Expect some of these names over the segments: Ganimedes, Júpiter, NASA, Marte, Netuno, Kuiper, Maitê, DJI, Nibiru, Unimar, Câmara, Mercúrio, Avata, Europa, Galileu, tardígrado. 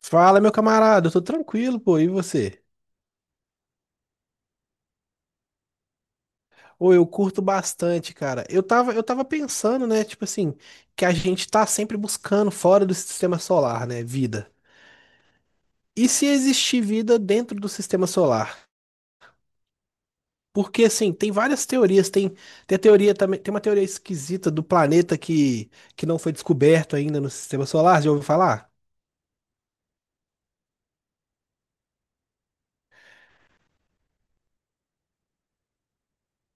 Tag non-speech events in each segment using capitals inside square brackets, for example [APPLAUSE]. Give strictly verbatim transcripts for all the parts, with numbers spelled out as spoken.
Fala, meu camarada, eu tô tranquilo, pô, e você? Ô, eu curto bastante, cara. Eu tava, eu tava pensando, né, tipo assim, que a gente tá sempre buscando fora do sistema solar, né, vida. E se existir vida dentro do sistema solar? Porque, assim, tem várias teorias, tem, tem a teoria também, tem uma teoria esquisita do planeta que, que não foi descoberto ainda no sistema solar, já ouviu falar?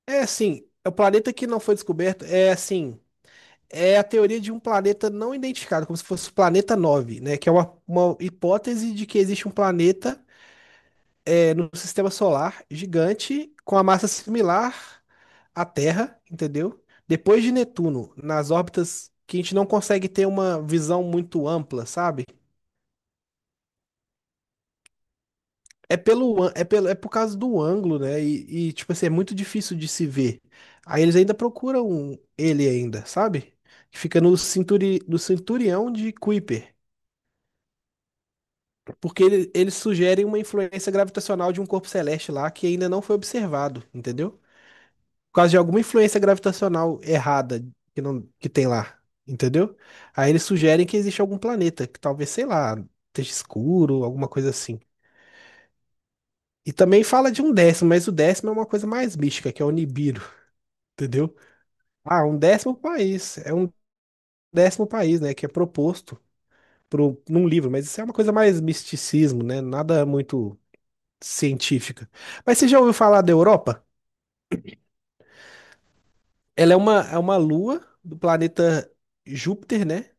É assim, é o planeta que não foi descoberto, é assim, é a teoria de um planeta não identificado, como se fosse o planeta nove, né? Que é uma, uma hipótese de que existe um planeta é, no sistema solar gigante com a massa similar à Terra, entendeu? Depois de Netuno, nas órbitas que a gente não consegue ter uma visão muito ampla, sabe? É pelo, an- é pelo, é por causa do ângulo, né? E, e, tipo assim, é muito difícil de se ver. Aí eles ainda procuram ele ainda, sabe? Que fica no, cinturi, no cinturão de Kuiper. Porque ele- eles sugerem uma influência gravitacional de um corpo celeste lá que ainda não foi observado, entendeu? Por causa de alguma influência gravitacional errada que, não, que tem lá, entendeu? Aí eles sugerem que existe algum planeta, que talvez, sei lá, esteja escuro, alguma coisa assim. E também fala de um décimo, mas o décimo é uma coisa mais mística, que é o Nibiru, entendeu? Ah, um décimo país. É um décimo país, né? Que é proposto pro, num livro, mas isso é uma coisa mais misticismo, né? Nada muito científica. Mas você já ouviu falar da Europa? Ela é uma, é uma lua do planeta Júpiter, né?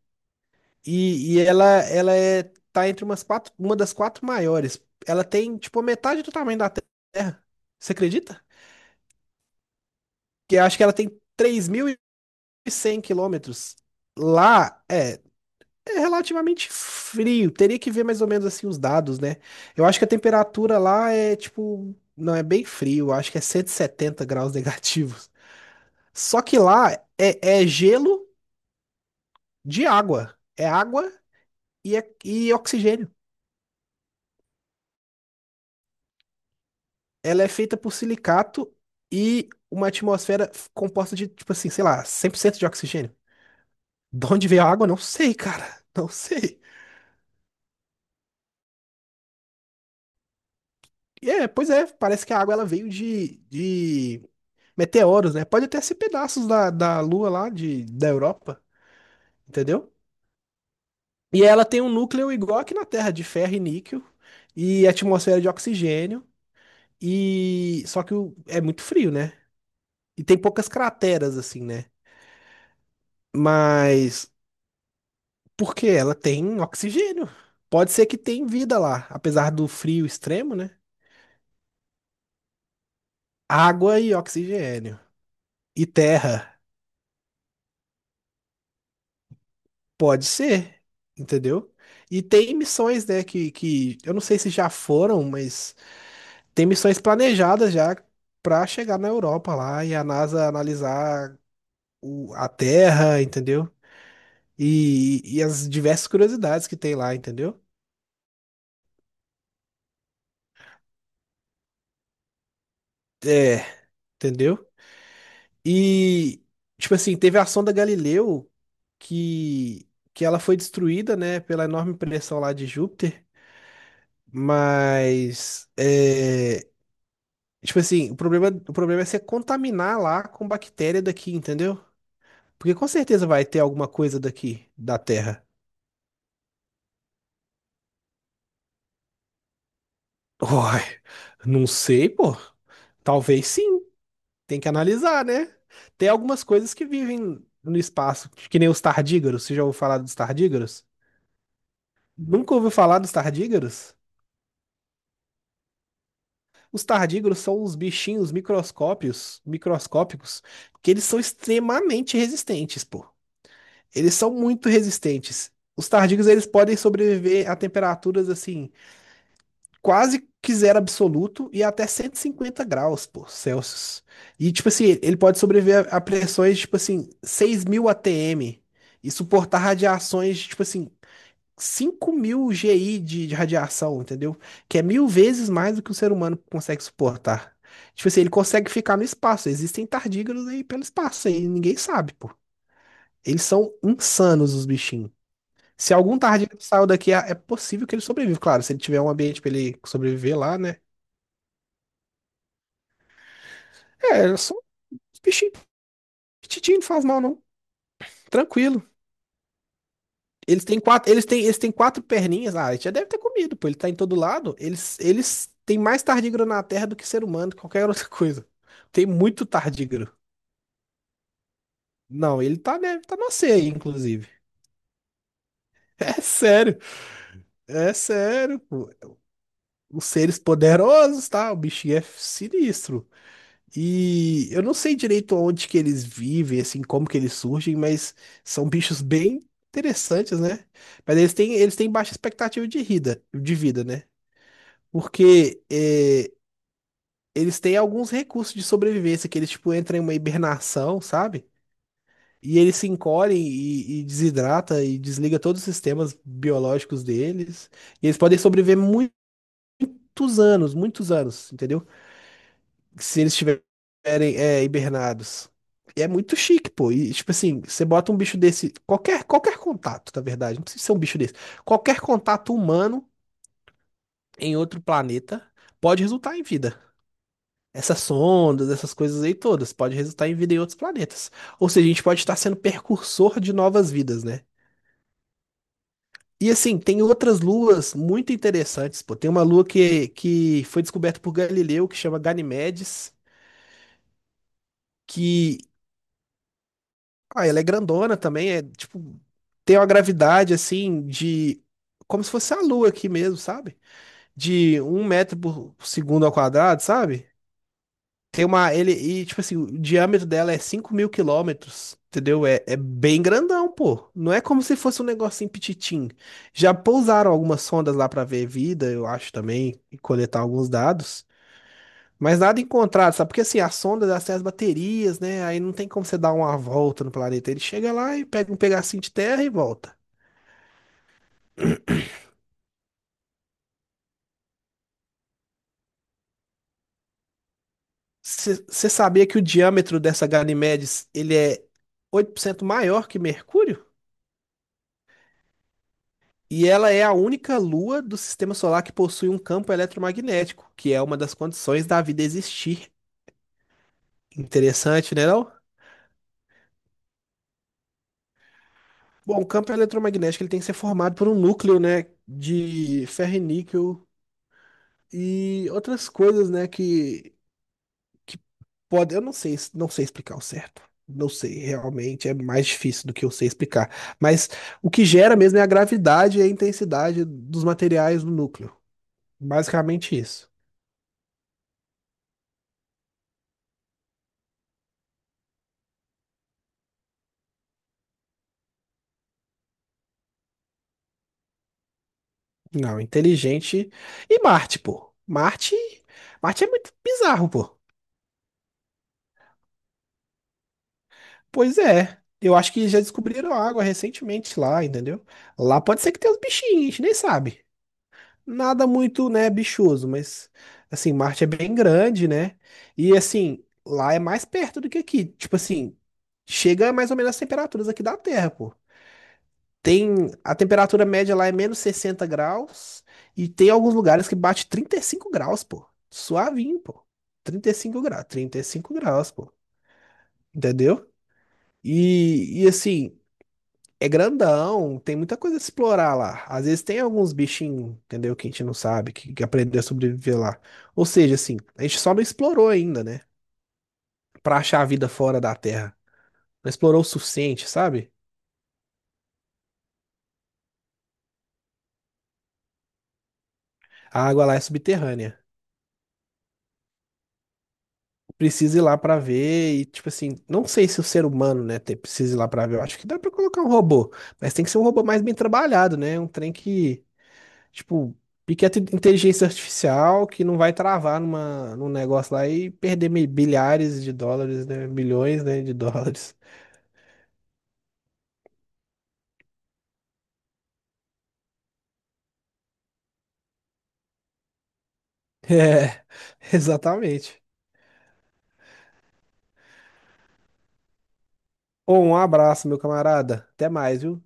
E, e ela, ela é, tá entre umas quatro, uma das quatro maiores. Ela tem, tipo, a metade do tamanho da Terra. Você acredita? Que eu acho que ela tem três mil e cem quilômetros. Lá é, é relativamente frio. Teria que ver mais ou menos assim os dados, né? Eu acho que a temperatura lá é, tipo, não é bem frio. Eu acho que é cento e setenta graus [LAUGHS] negativos. Só que lá é, é gelo de água. É água e, é- e oxigênio. Ela é feita por silicato e uma atmosfera f- composta de, tipo assim, sei lá, cem por cento de oxigênio. De onde veio a água? Não sei, cara. [LAUGHS] Não sei. E É, pois é, parece que a água ela veio de, de meteoros, né? Pode até ser pedaços da, da Lua lá, de, da Europa, entendeu? E ela tem um núcleo igual aqui na Terra, de ferro e níquel, e atmosfera de oxigênio. E só que o- é muito frio, né? E tem poucas crateras assim, né? Mas porque ela tem oxigênio. Pode ser que tenha vida lá, apesar do frio extremo, né? Água e oxigênio. E terra, pode ser, entendeu? E tem missões, né, que, que eu não sei se já foram, mas tem missões planejadas já pra chegar na Europa lá e a NASA analisar o- a Terra, entendeu? E, e as diversas curiosidades que tem lá, entendeu? É, entendeu? E, tipo assim, teve a sonda Galileu que, que ela foi destruída, né, pela enorme pressão lá de Júpiter, mas, é, tipo assim, o problema, o problema é você contaminar lá com bactéria daqui, entendeu? Porque com certeza vai ter alguma coisa daqui, da Terra. [LAUGHS] Uai, não sei, pô. Talvez sim. Tem que analisar, né? Tem algumas coisas que vivem no espaço, que nem os tardígrados. Você já ouviu falar dos tardígrados? Nunca ouviu falar dos tardígrados? Os tardígrados são uns bichinhos microscópios, microscópicos, que eles são extremamente resistentes, pô. Eles são muito resistentes. Os tardígrados, eles podem sobreviver a temperaturas assim quase que zero absoluto e até cento e cinquenta graus, pô, Celsius. E, tipo assim, ele pode sobreviver a a pressões, tipo assim, seis mil A T M e suportar radiações, de, tipo assim, cinco mil G I de, de radiação, entendeu? Que é mil vezes mais do que o ser humano consegue suportar. Tipo assim, ele consegue ficar no espaço. Existem tardígrados aí pelo espaço aí, ninguém sabe, pô. Eles são insanos, os bichinhos. Se algum tardígrado saiu daqui, é é possível que ele sobreviva. Claro, se ele tiver um ambiente pra ele sobreviver lá, né? É, só os bichinhos petitinhos não faz mal, não. Tranquilo. Eles têm quatro, eles têm, eles têm quatro perninhas. Ah, ele já deve ter comido, pô. Ele tá em todo lado. Eles, eles têm mais tardígrado na Terra do que ser humano, qualquer [LAUGHS] outra coisa. Tem muito tardígrado. Não, ele tá, né, tá na ceia, aí, inclusive. [LAUGHS] É sério. É sério, pô. Os seres poderosos, tá? O bichinho é sinistro. E eu não sei direito onde que eles vivem, assim, como que eles surgem, mas são bichos bem interessantes, né? Mas eles têm, eles têm baixa expectativa de vida, de vida, né? Porque é, eles têm alguns recursos de sobrevivência, que eles, tipo, entram em uma hibernação, sabe? E eles se encolhem e, e desidrata e desliga todos os sistemas biológicos deles. E eles podem sobreviver muitos anos, muitos anos, entendeu? Se eles estiverem é, hibernados. E é muito chique, pô. E, tipo assim, você bota um bicho desse, qualquer, qualquer contato, na verdade, não precisa ser um bicho desse. Qualquer contato humano em outro planeta pode resultar em vida. Essas sondas, essas coisas aí todas, pode resultar em vida em outros planetas. Ou seja, a gente pode estar sendo precursor de novas vidas, né? E assim, tem outras luas muito interessantes, pô. Tem uma lua que, que foi descoberta por Galileu, que chama Ganimedes. Que Ah, ela é grandona também, é tipo, tem uma gravidade assim de. Como se fosse a Lua aqui mesmo, sabe? De um metro por segundo ao quadrado, sabe? Tem uma. Ele, e, tipo assim, o diâmetro dela é cinco mil quilômetros, entendeu? É, é bem grandão, pô. Não é como se fosse um negocinho pititim. Já pousaram algumas sondas lá pra ver vida, eu acho também, e coletar alguns dados. Mas nada encontrado, sabe? Porque assim, a sonda dá acesso às baterias, né? Aí não tem como você dar uma volta no planeta. Ele chega lá e pega um pedacinho de terra e volta. Você sabia que o diâmetro dessa Ganymedes, ele é oito por cento maior que Mercúrio? E ela é a única lua do sistema solar que possui um campo eletromagnético, que é uma das condições da vida existir. Interessante, né, não? Bom, o campo eletromagnético ele tem que ser formado por um núcleo, né, de ferro e níquel e outras coisas, né. que Pode, eu não sei, não sei explicar o certo. Não sei, realmente é mais difícil do que eu sei explicar. Mas o que gera mesmo é a gravidade e a intensidade dos materiais no núcleo. Basicamente isso. Não, inteligente. E Marte, pô. Marte, Marte é muito bizarro, pô. Pois é. Eu acho que já descobriram água recentemente lá, entendeu? Lá pode ser que tenha uns bichinhos, a gente nem sabe. Nada muito, né, bichoso, mas assim, Marte é bem grande, né? E assim, lá é mais perto do que aqui. Tipo assim, chega mais ou menos as temperaturas aqui da Terra, pô. Tem a temperatura média lá é menos sessenta graus e tem alguns lugares que bate trinta e cinco graus, pô. Suavinho, pô. Trinta e cinco graus, trinta e cinco graus, pô. Entendeu? E, e assim, é grandão, tem muita coisa a explorar lá. Às vezes tem alguns bichinhos, entendeu? Que a gente não sabe, que, que aprendeu a sobreviver lá. Ou seja, assim, a gente só não explorou ainda, né? Pra achar a vida fora da Terra. Não explorou o suficiente, sabe? A água lá é subterrânea. Precisa ir lá pra ver e, tipo assim, não sei se o ser humano, né, te- precisa ir lá pra ver. Eu acho que dá pra colocar um robô, mas tem que ser um robô mais bem trabalhado, né? Um trem que tipo, pequena inteligência artificial que não vai travar numa, num negócio lá e perder mi- bilhares de dólares, né? Milhões, né, de dólares. [LAUGHS] É, exatamente. Ô, um abraço, meu camarada. Até mais, viu?